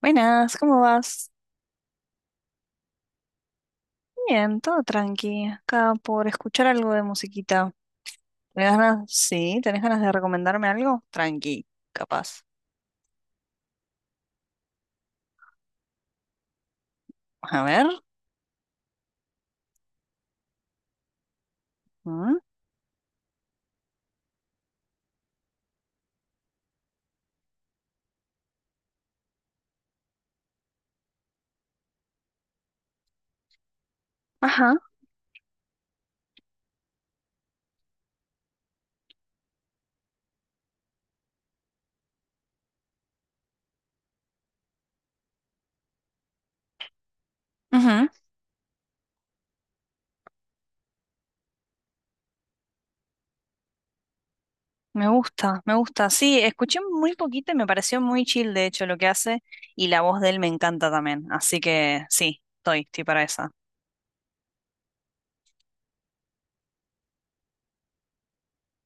Buenas, ¿cómo vas? Bien, todo tranqui. Acá por escuchar algo de musiquita. ¿Tenés ganas? Sí, ¿tenés ganas de recomendarme algo? Tranqui, capaz. A ver. ¿Mm? Ajá. Ujú. Me gusta, me gusta. Sí, escuché muy poquito y me pareció muy chill, de hecho, lo que hace. Y la voz de él me encanta también. Así que sí, estoy para esa.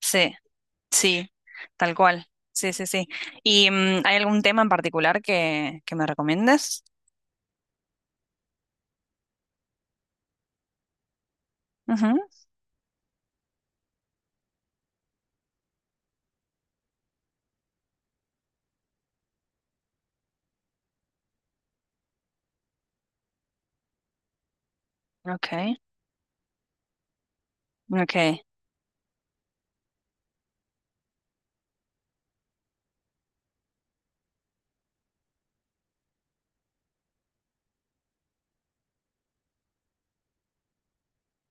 Sí, sí, tal cual. Sí, sí, sí. ¿Y hay algún tema en particular que me recomiendes? Ujú. Ok, ok.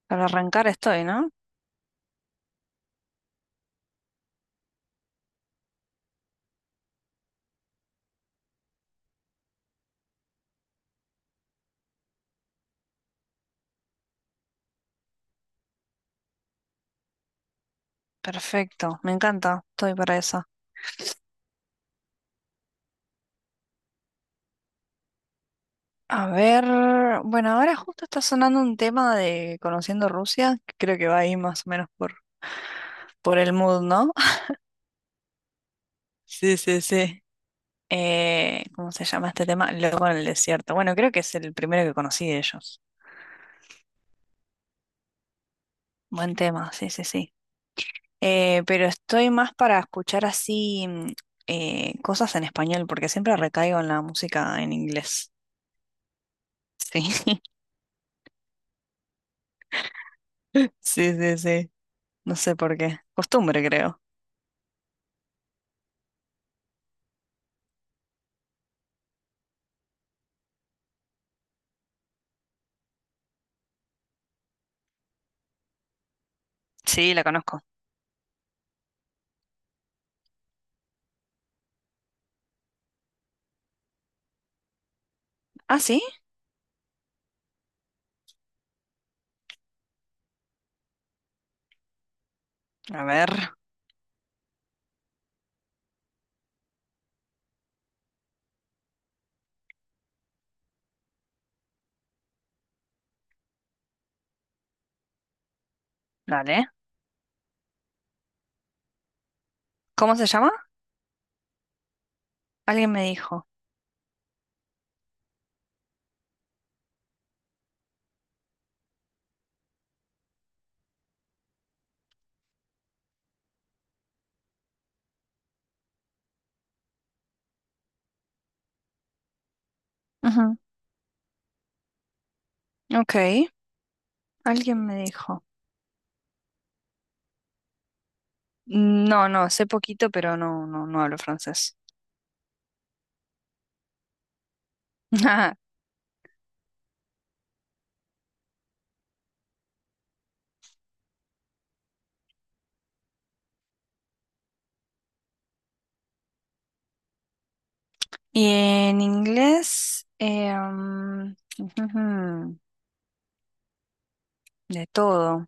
Para arrancar estoy, ¿no? Perfecto, me encanta, estoy para esa. A ver, bueno, ahora justo está sonando un tema de Conociendo Rusia, que creo que va ahí más o menos por el mood, ¿no? Sí, sí, sí. ¿Cómo se llama este tema? Loco en el desierto. Bueno, creo que es el primero que conocí de ellos. Buen tema, sí, sí, sí. Pero estoy más para escuchar así cosas en español, porque siempre recaigo en la música en inglés. Sí, sí, sí, sí. No sé por qué. Costumbre, creo. Sí, la conozco. Ah, sí. A ver, dale. ¿Cómo se llama? Alguien me dijo. Ujú. Ok, alguien me dijo. No, no, sé poquito, pero no, no, no hablo francés. Y en inglés, ujujú, de todo.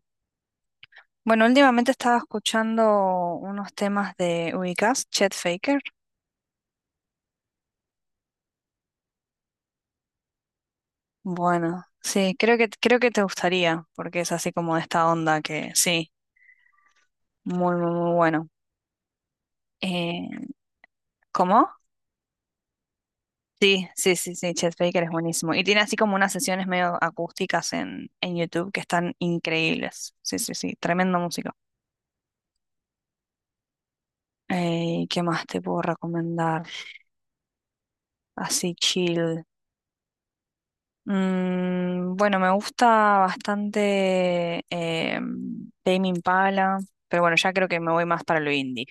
Bueno, últimamente estaba escuchando unos temas de, ¿ubicás? Chet Faker. Bueno, sí, creo que te gustaría, porque es así como de esta onda que sí. Muy, muy, muy bueno. Eh, ¿Cómo? Sí, sí, sí, sí, Chet Baker es buenísimo. Y tiene así como unas sesiones medio acústicas en YouTube que están increíbles. Sí, sí, sí, tremenda música. ¿Qué más te puedo recomendar? Así chill. Bueno, me gusta bastante Tame Impala, pero bueno, ya creo que me voy más para lo indie.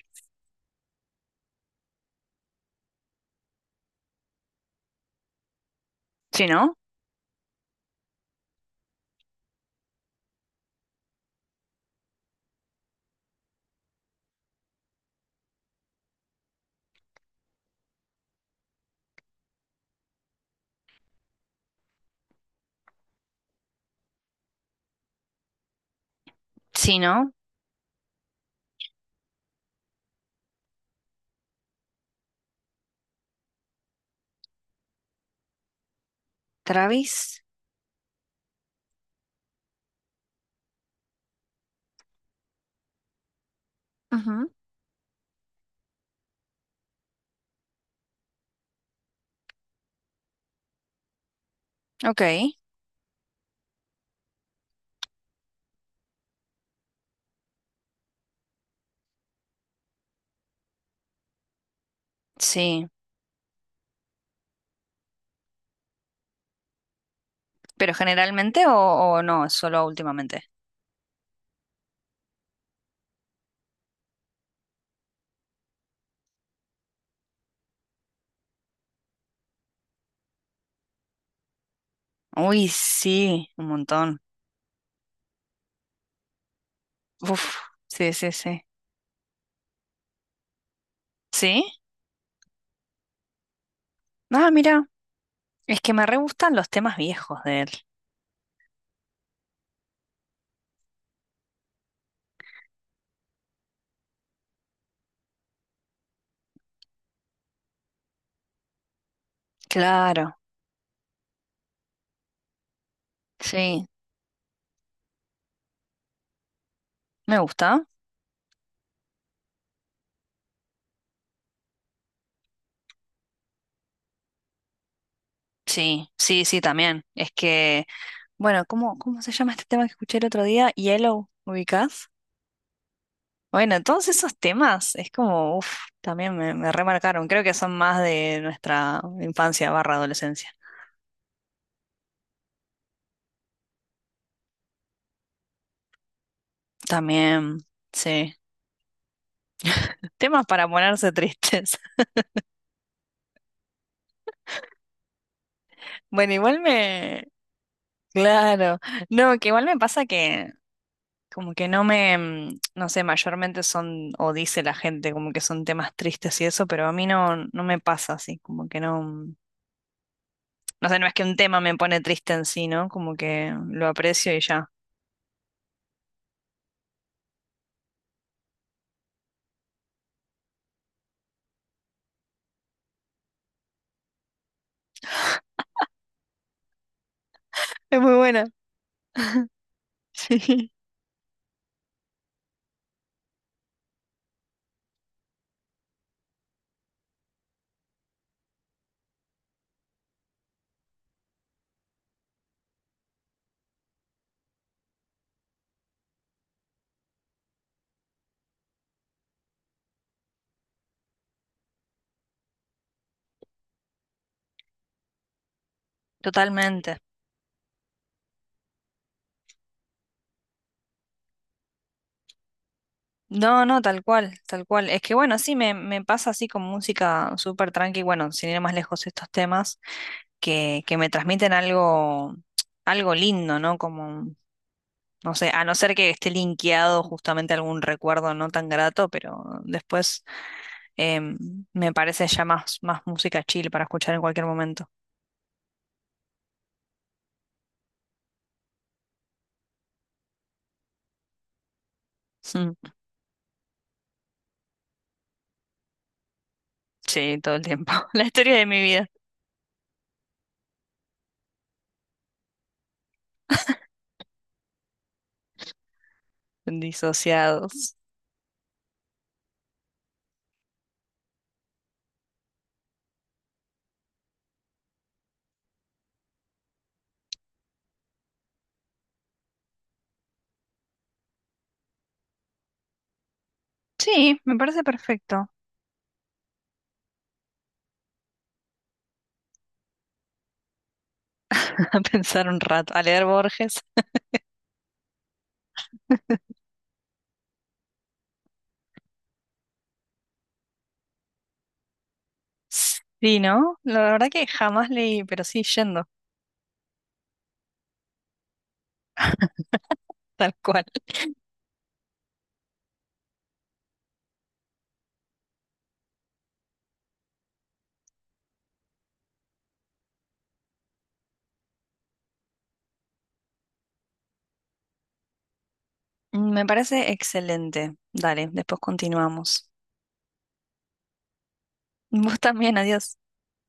¿Sí, no? Sí, ¿no? Travis. Ujú. Ok, sí. ¿Pero generalmente o no? Solo últimamente. Uy, sí, un montón. Uf, sí, sí, sí. ¿Sí? Ah, mira, es que me re gustan los temas viejos de él. Claro, sí. ¿Me gusta? Sí, sí, sí, también. Es que, bueno, ¿cómo, cómo se llama este tema que escuché el otro día? Yellow, ¿ubicás? Bueno, todos esos temas es como, uff, también me remarcaron. Creo que son más de nuestra infancia barra adolescencia. También, sí. Temas para ponerse tristes. Bueno, igual me... Claro. No, que igual me pasa que como que no me... No sé, mayormente son, o dice la gente, como que son temas tristes y eso, pero a mí no, no me pasa así, como que no... No sé, no es que un tema me pone triste en sí, ¿no? Como que lo aprecio y ya. Es muy buena. Sí. Totalmente. No, no, tal cual, tal cual. Es que bueno, sí, me pasa así con música súper tranqui, bueno, sin ir más lejos estos temas. Que me transmiten algo, algo lindo, ¿no? Como, no sé, a no ser que esté linkeado justamente a algún recuerdo no tan grato, pero después em, me parece ya más, más música chill para escuchar en cualquier momento. Mm. Sí, todo el tiempo. La historia de mi vida. Disociados. Sí, me parece perfecto. A pensar un rato, a leer Borges. Sí, ¿no? La verdad que jamás leí, pero sí yendo, tal cual. Me parece excelente. Dale, después continuamos. Vos también, adiós.